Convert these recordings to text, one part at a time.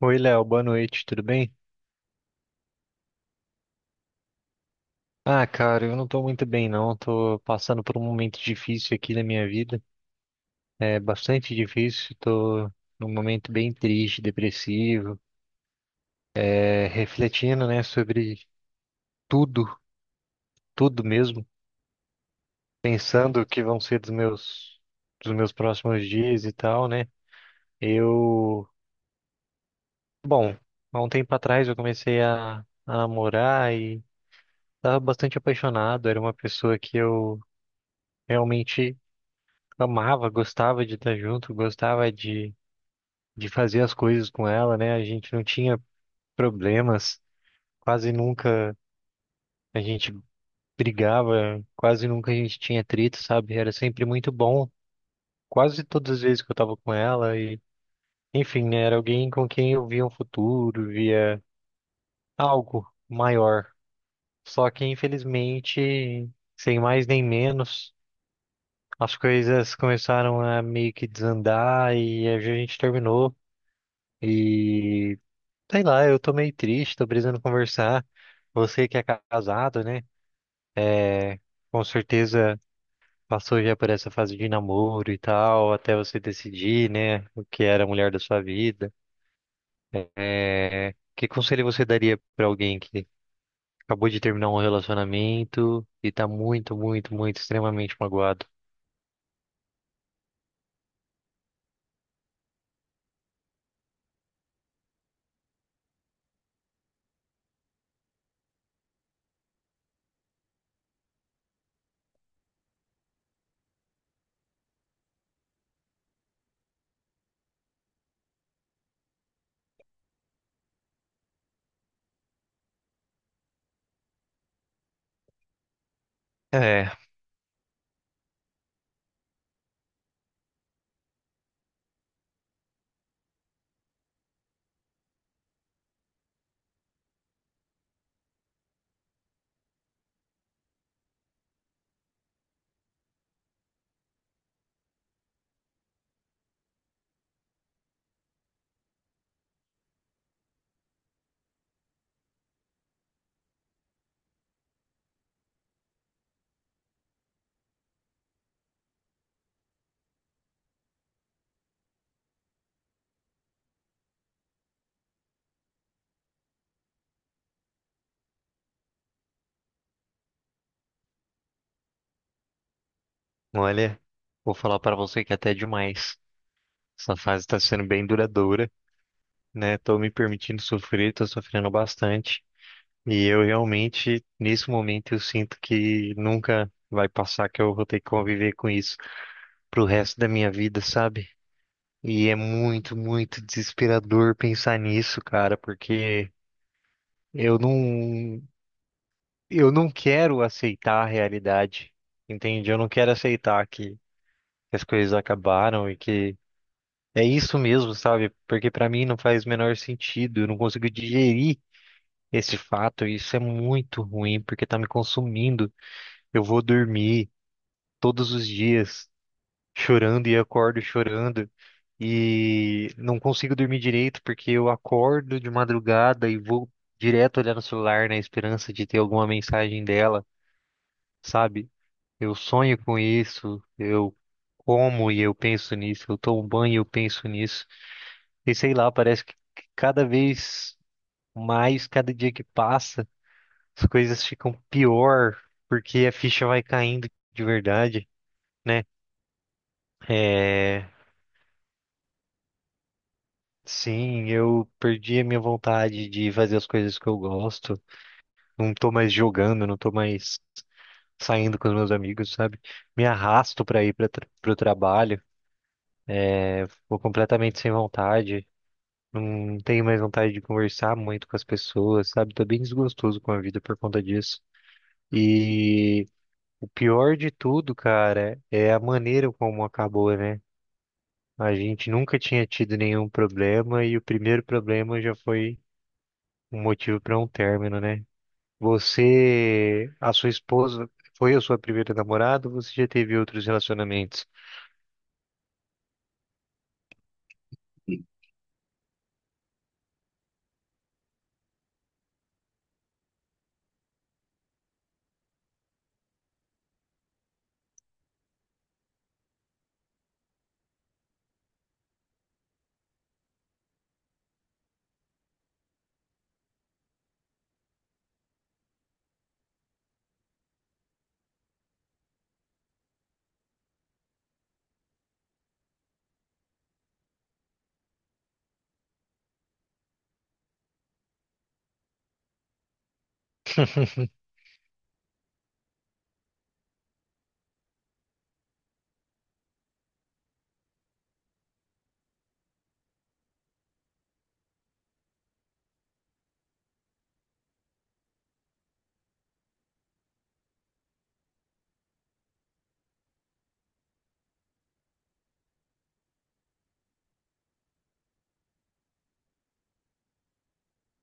Oi, Léo, boa noite, tudo bem? Ah, cara, eu não tô muito bem, não. Tô passando por um momento difícil aqui na minha vida. É bastante difícil, tô num momento bem triste, depressivo, refletindo, né, sobre tudo, tudo mesmo, pensando o que vão ser dos meus próximos dias e tal, né? Eu, bom, há um tempo atrás eu comecei a namorar e tava bastante apaixonado, era uma pessoa que eu realmente amava, gostava de estar junto, gostava de fazer as coisas com ela, né? A gente não tinha problemas, quase nunca a gente brigava, quase nunca a gente tinha atrito, sabe? Era sempre muito bom, quase todas as vezes que eu tava com ela e, enfim, né? Era alguém com quem eu via um futuro, via algo maior. Só que, infelizmente, sem mais nem menos, as coisas começaram a meio que desandar e a gente terminou. E sei lá, eu tô meio triste, tô precisando conversar. Você que é casado, né? Com certeza passou já por essa fase de namoro e tal, até você decidir, né, o que era a mulher da sua vida. Que conselho você daria pra alguém que acabou de terminar um relacionamento e tá muito, muito, muito, extremamente magoado? É, Olha, vou falar pra você que até é demais. Essa fase tá sendo bem duradoura, né? Tô me permitindo sofrer, tô sofrendo bastante. E eu realmente, nesse momento, eu sinto que nunca vai passar, que eu vou ter que conviver com isso pro resto da minha vida, sabe? E é muito, muito desesperador pensar nisso, cara, porque eu não, eu não quero aceitar a realidade, entende? Eu não quero aceitar que as coisas acabaram e que é isso mesmo, sabe? Porque pra mim não faz o menor sentido, eu não consigo digerir esse fato, e isso é muito ruim, porque tá me consumindo. Eu vou dormir todos os dias chorando e acordo chorando e não consigo dormir direito porque eu acordo de madrugada e vou direto olhar no celular na esperança de ter alguma mensagem dela, sabe? Eu sonho com isso, eu como e eu penso nisso, eu tomo banho e eu penso nisso. E sei lá, parece que cada vez mais, cada dia que passa, as coisas ficam pior porque a ficha vai caindo de verdade, né? É. Sim, eu perdi a minha vontade de fazer as coisas que eu gosto. Não tô mais jogando, não tô mais saindo com os meus amigos, sabe? Me arrasto pra ir para pro trabalho, vou completamente sem vontade. Não tenho mais vontade de conversar muito com as pessoas, sabe? Tô bem desgostoso com a vida por conta disso. E o pior de tudo, cara, é a maneira como acabou, né? A gente nunca tinha tido nenhum problema e o primeiro problema já foi um motivo para um término, né? Você, a sua esposa, foi a sua primeira namorada ou você já teve outros relacionamentos?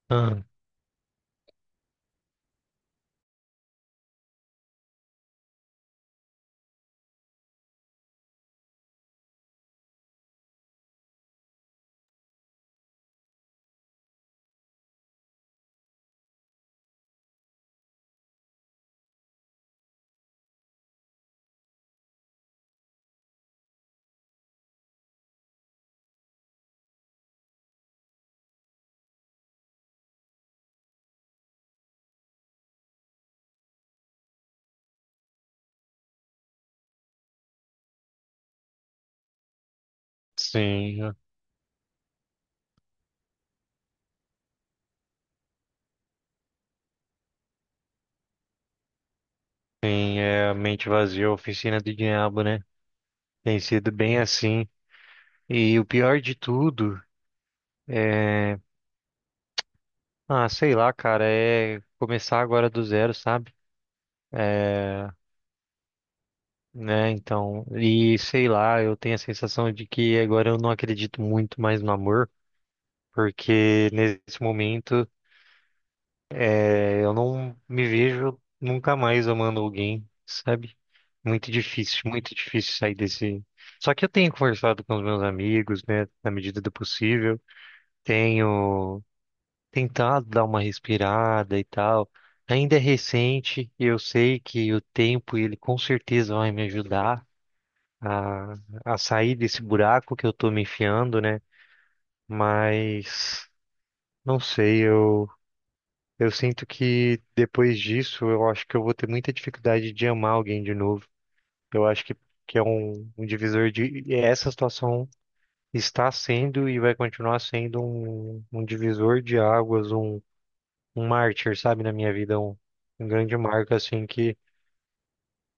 Ah, sim, sim, é a mente vazia, a oficina do diabo, né? Tem sido bem assim. E o pior de tudo é, ah, sei lá, cara, é começar agora do zero, sabe? É, né, então, e sei lá, eu tenho a sensação de que agora eu não acredito muito mais no amor, porque nesse momento, eu não me vejo nunca mais amando alguém, sabe? Muito difícil sair desse. Só que eu tenho conversado com os meus amigos, né, na medida do possível, tenho tentado dar uma respirada e tal. Ainda é recente, e eu sei que o tempo ele com certeza vai me ajudar a, a sair desse buraco que eu tô me enfiando, né? Mas não sei, eu sinto que depois disso eu acho que eu vou ter muita dificuldade de amar alguém de novo. Eu acho que é um, um divisor de e essa situação está sendo e vai continuar sendo um, um divisor de águas, um mártir, sabe, na minha vida, um grande marco, assim, que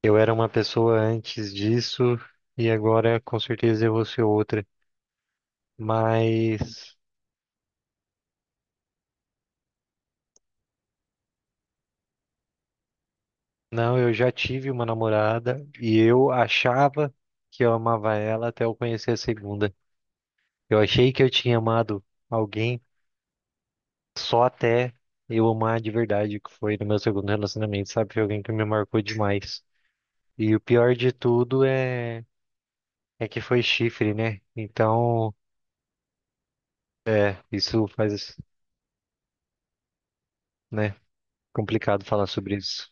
eu era uma pessoa antes disso e agora com certeza eu vou ser outra. Mas, não, eu já tive uma namorada e eu achava que eu amava ela até eu conhecer a segunda. Eu achei que eu tinha amado alguém só até eu amar de verdade, que foi no meu segundo relacionamento, sabe? Foi alguém que me marcou demais. E o pior de tudo é que foi chifre, né? Então, é, isso faz, né, complicado falar sobre isso.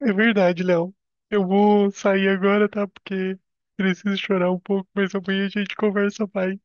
É verdade, Léo. Eu vou sair agora, tá? Porque preciso chorar um pouco, mas amanhã a gente conversa mais.